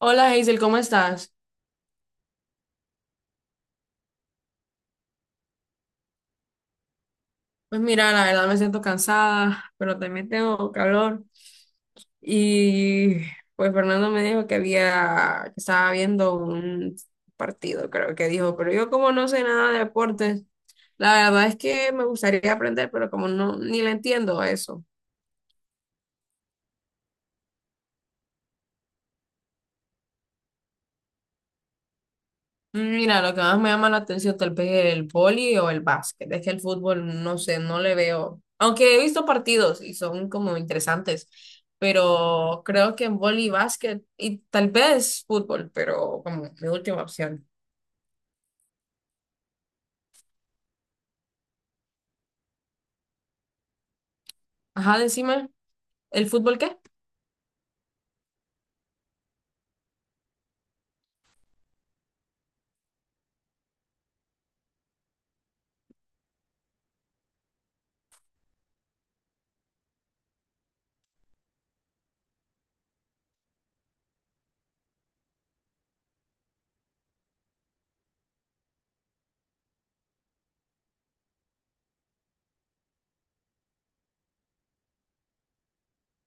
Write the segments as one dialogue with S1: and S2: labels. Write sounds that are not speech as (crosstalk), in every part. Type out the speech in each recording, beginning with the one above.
S1: Hola Hazel, ¿cómo estás? Pues mira, la verdad me siento cansada, pero también tengo calor. Y pues Fernando me dijo que estaba viendo un partido, creo que dijo, pero yo como no sé nada de deportes, la verdad es que me gustaría aprender, pero como no, ni le entiendo a eso. Mira, lo que más me llama la atención tal vez el vóley o el básquet. Es que el fútbol, no sé, no le veo. Aunque he visto partidos y son como interesantes, pero creo que en vóley y básquet y tal vez fútbol, pero como mi última opción. Ajá, decime, ¿el fútbol qué?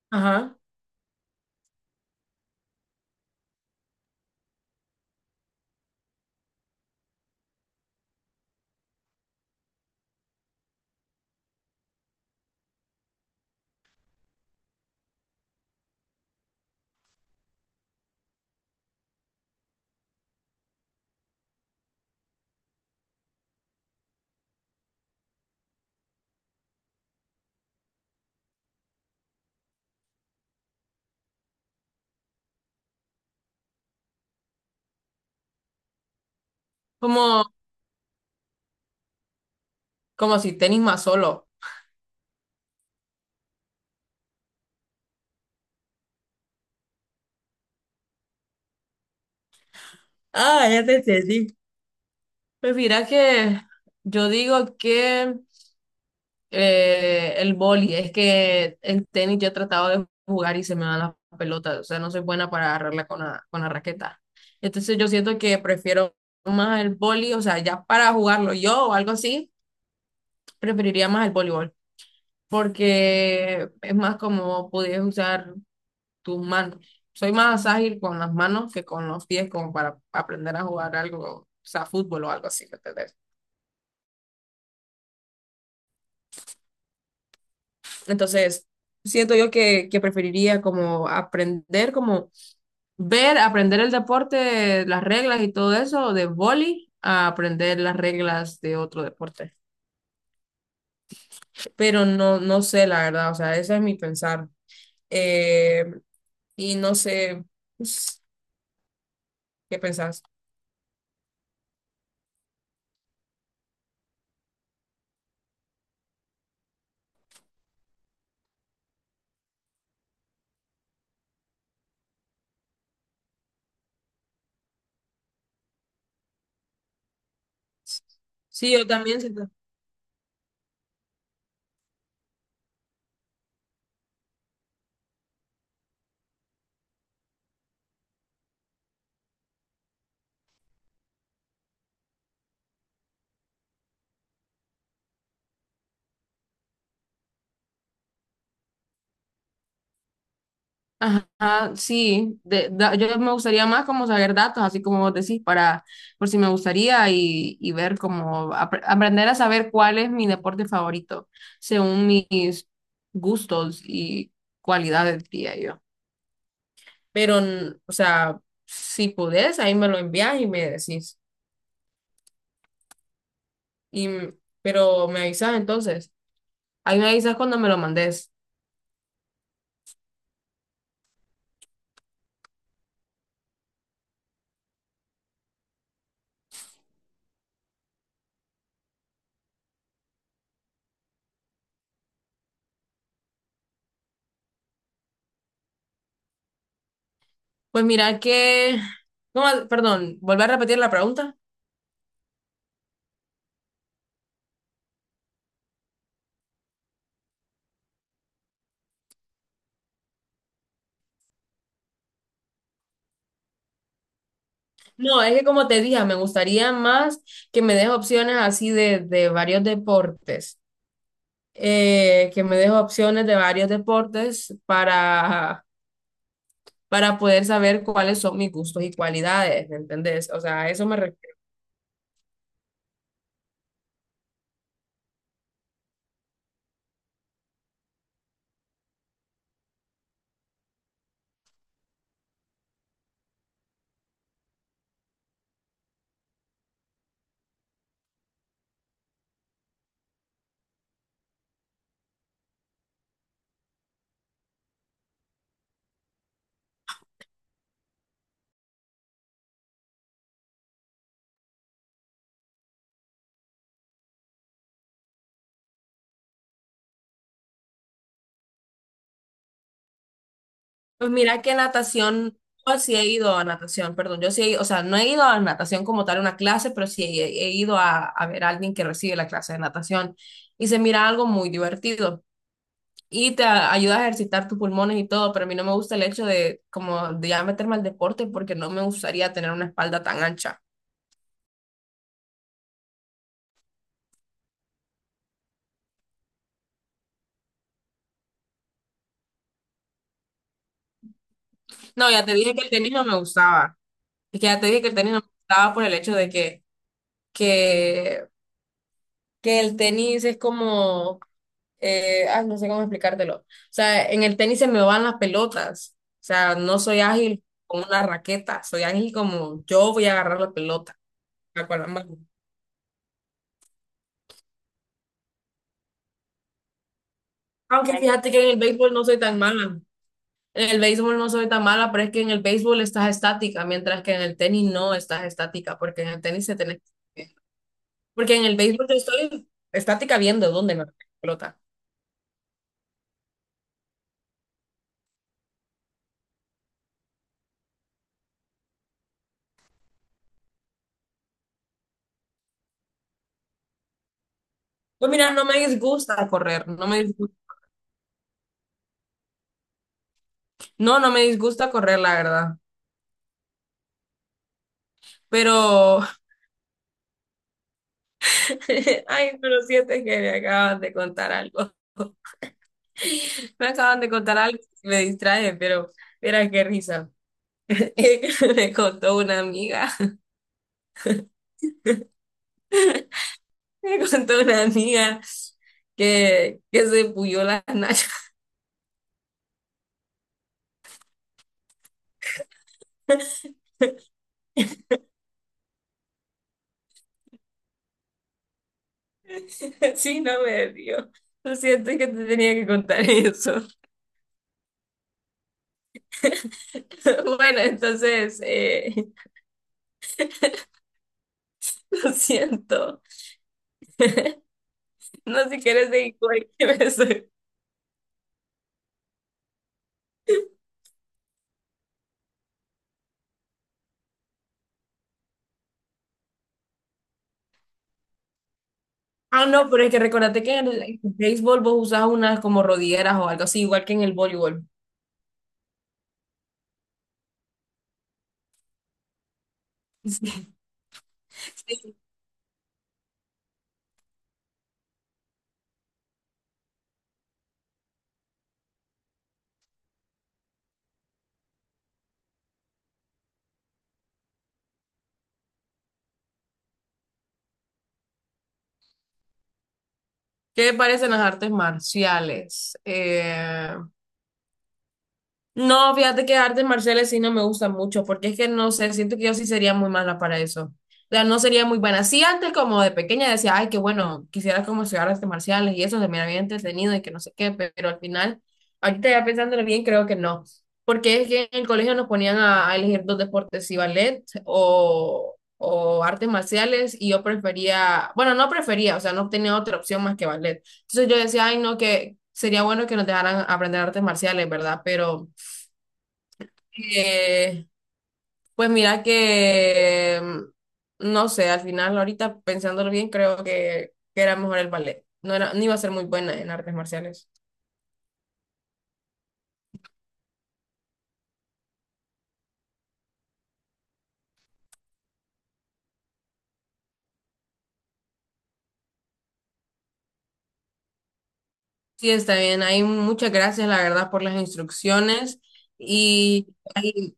S1: Ajá, como, como si tenis más solo. Ah, ya te entendí. Pues mira que yo digo que el boli, es que en tenis yo he tratado de jugar y se me van las pelotas, o sea, no soy buena para agarrarla con la raqueta. Entonces yo siento que prefiero más el boli, o sea, ya para jugarlo yo o algo así, preferiría más el voleibol, porque es más como pudieras usar tus manos. Soy más ágil con las manos que con los pies, como para aprender a jugar algo, o sea, fútbol o algo así, ¿me entendés? Entonces, siento yo que preferiría como aprender como ver, aprender el deporte, las reglas y todo eso de vóley, a aprender las reglas de otro deporte. Pero no, no sé, la verdad, o sea, ese es mi pensar. Eh, y no sé, pues, ¿qué pensás? Sí, yo también. Ajá, sí, de- da- yo me gustaría más como saber datos, así como vos decís, para, por si me gustaría y ver cómo apre- aprender a saber cuál es mi deporte favorito, según mis gustos y cualidades, diría yo. Pero, n- o sea, si podés, ahí me lo envías y me decís. Y, m- pero me avisas entonces, ahí me avisas cuando me lo mandes. Pues mira que, no, perdón, volver a repetir la pregunta. No, es que como te dije, me gustaría más que me des opciones así de varios deportes, que me des opciones de varios deportes para poder saber cuáles son mis gustos y cualidades, ¿me entendés? O sea, a eso me refiero. Pues mira que natación, yo sí he ido a natación, perdón, yo sí he ido, o sea, no he ido a natación como tal una clase, pero sí he ido a ver a alguien que recibe la clase de natación y se mira algo muy divertido. Y te a- ayuda a ejercitar tus pulmones y todo, pero a mí no me gusta el hecho de como de ya meterme al deporte porque no me gustaría tener una espalda tan ancha. No, ya te dije que el tenis no me gustaba. Es que ya te dije que el tenis no me gustaba por el hecho de que, que el tenis es como, no sé cómo explicártelo. O sea, en el tenis se me van las pelotas. O sea, no soy ágil con una raqueta, soy ágil como yo voy a agarrar la pelota. La cual aunque fíjate que en el béisbol no soy tan mala. En el béisbol no soy tan mala, pero es que en el béisbol estás estática, mientras que en el tenis no estás estática, porque en el tenis se tenés. Porque en el béisbol yo estoy estática viendo dónde me pelota. Pues mira, no me disgusta correr, no me disgusta. No, no me disgusta correr, la verdad. Pero, (laughs) ay, pero siento que me acaban de contar algo. (laughs) Me acaban de contar algo que me distrae, pero mira qué risa. (laughs) Me contó una amiga. (laughs) Me contó una amiga que se puyó las nachas. (laughs) Sí, no me dio. Lo siento, es que te tenía que contar eso. (laughs) Bueno, entonces, (laughs) lo siento. No sé si quieres seguir con el que me soy. Ah, no, pero es que recordate que en el béisbol vos usás unas como rodilleras o algo así, igual que en el voleibol. (laughs) Sí. ¿Qué me parecen las artes marciales? No, fíjate que artes marciales sí no me gusta mucho, porque es que no sé, siento que yo sí sería muy mala para eso. O sea, no sería muy buena. Sí, antes como de pequeña decía, ay, qué bueno, quisiera como estudiar artes marciales y eso se me había entretenido y que no sé qué, pe- pero al final, ahorita ya pensándolo bien, creo que no. Porque es que en el colegio nos ponían a elegir dos deportes, si ballet o artes marciales, y yo prefería, bueno, no prefería, o sea, no tenía otra opción más que ballet. Entonces yo decía, ay, no, que sería bueno que nos dejaran aprender artes marciales, ¿verdad? Pero... Eh, pues mira que, no sé, al final ahorita pensándolo bien, creo que era mejor el ballet. No era, no iba a ser muy buena en artes marciales. Sí, está bien. Hay muchas gracias, la verdad, por las instrucciones. Y, ahí-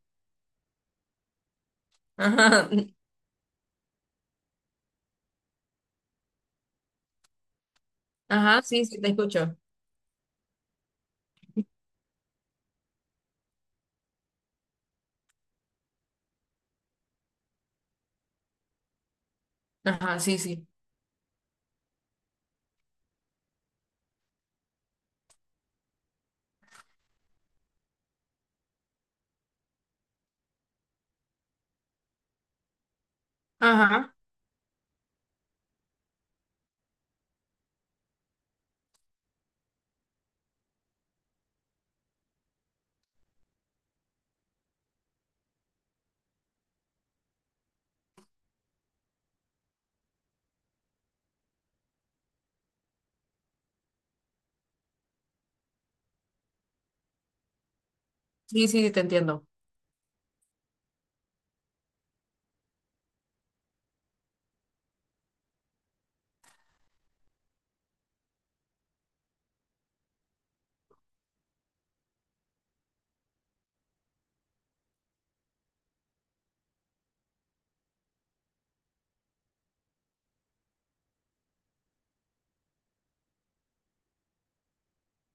S1: (laughs) ajá, ajá, sí, sí, te escucho. Ajá, sí, sí. Ajá, sí, sí, te entiendo.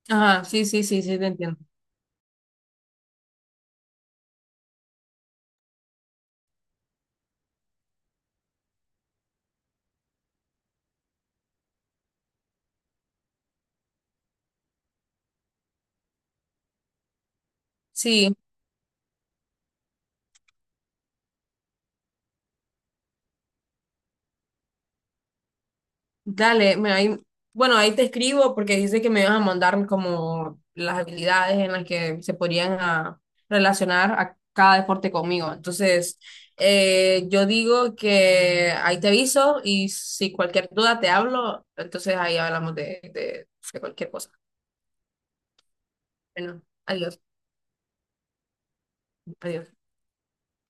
S1: Ajá, sí, sí, sí, sí, te entiendo. Sí. Dale, me, ahí, bueno, ahí te escribo porque dice que me vas a mandar como las habilidades en las que se podrían a- relacionar a cada deporte conmigo. Entonces, yo digo que ahí te aviso y si cualquier duda te hablo, entonces ahí hablamos de de cualquier cosa. Bueno, adiós, adiós.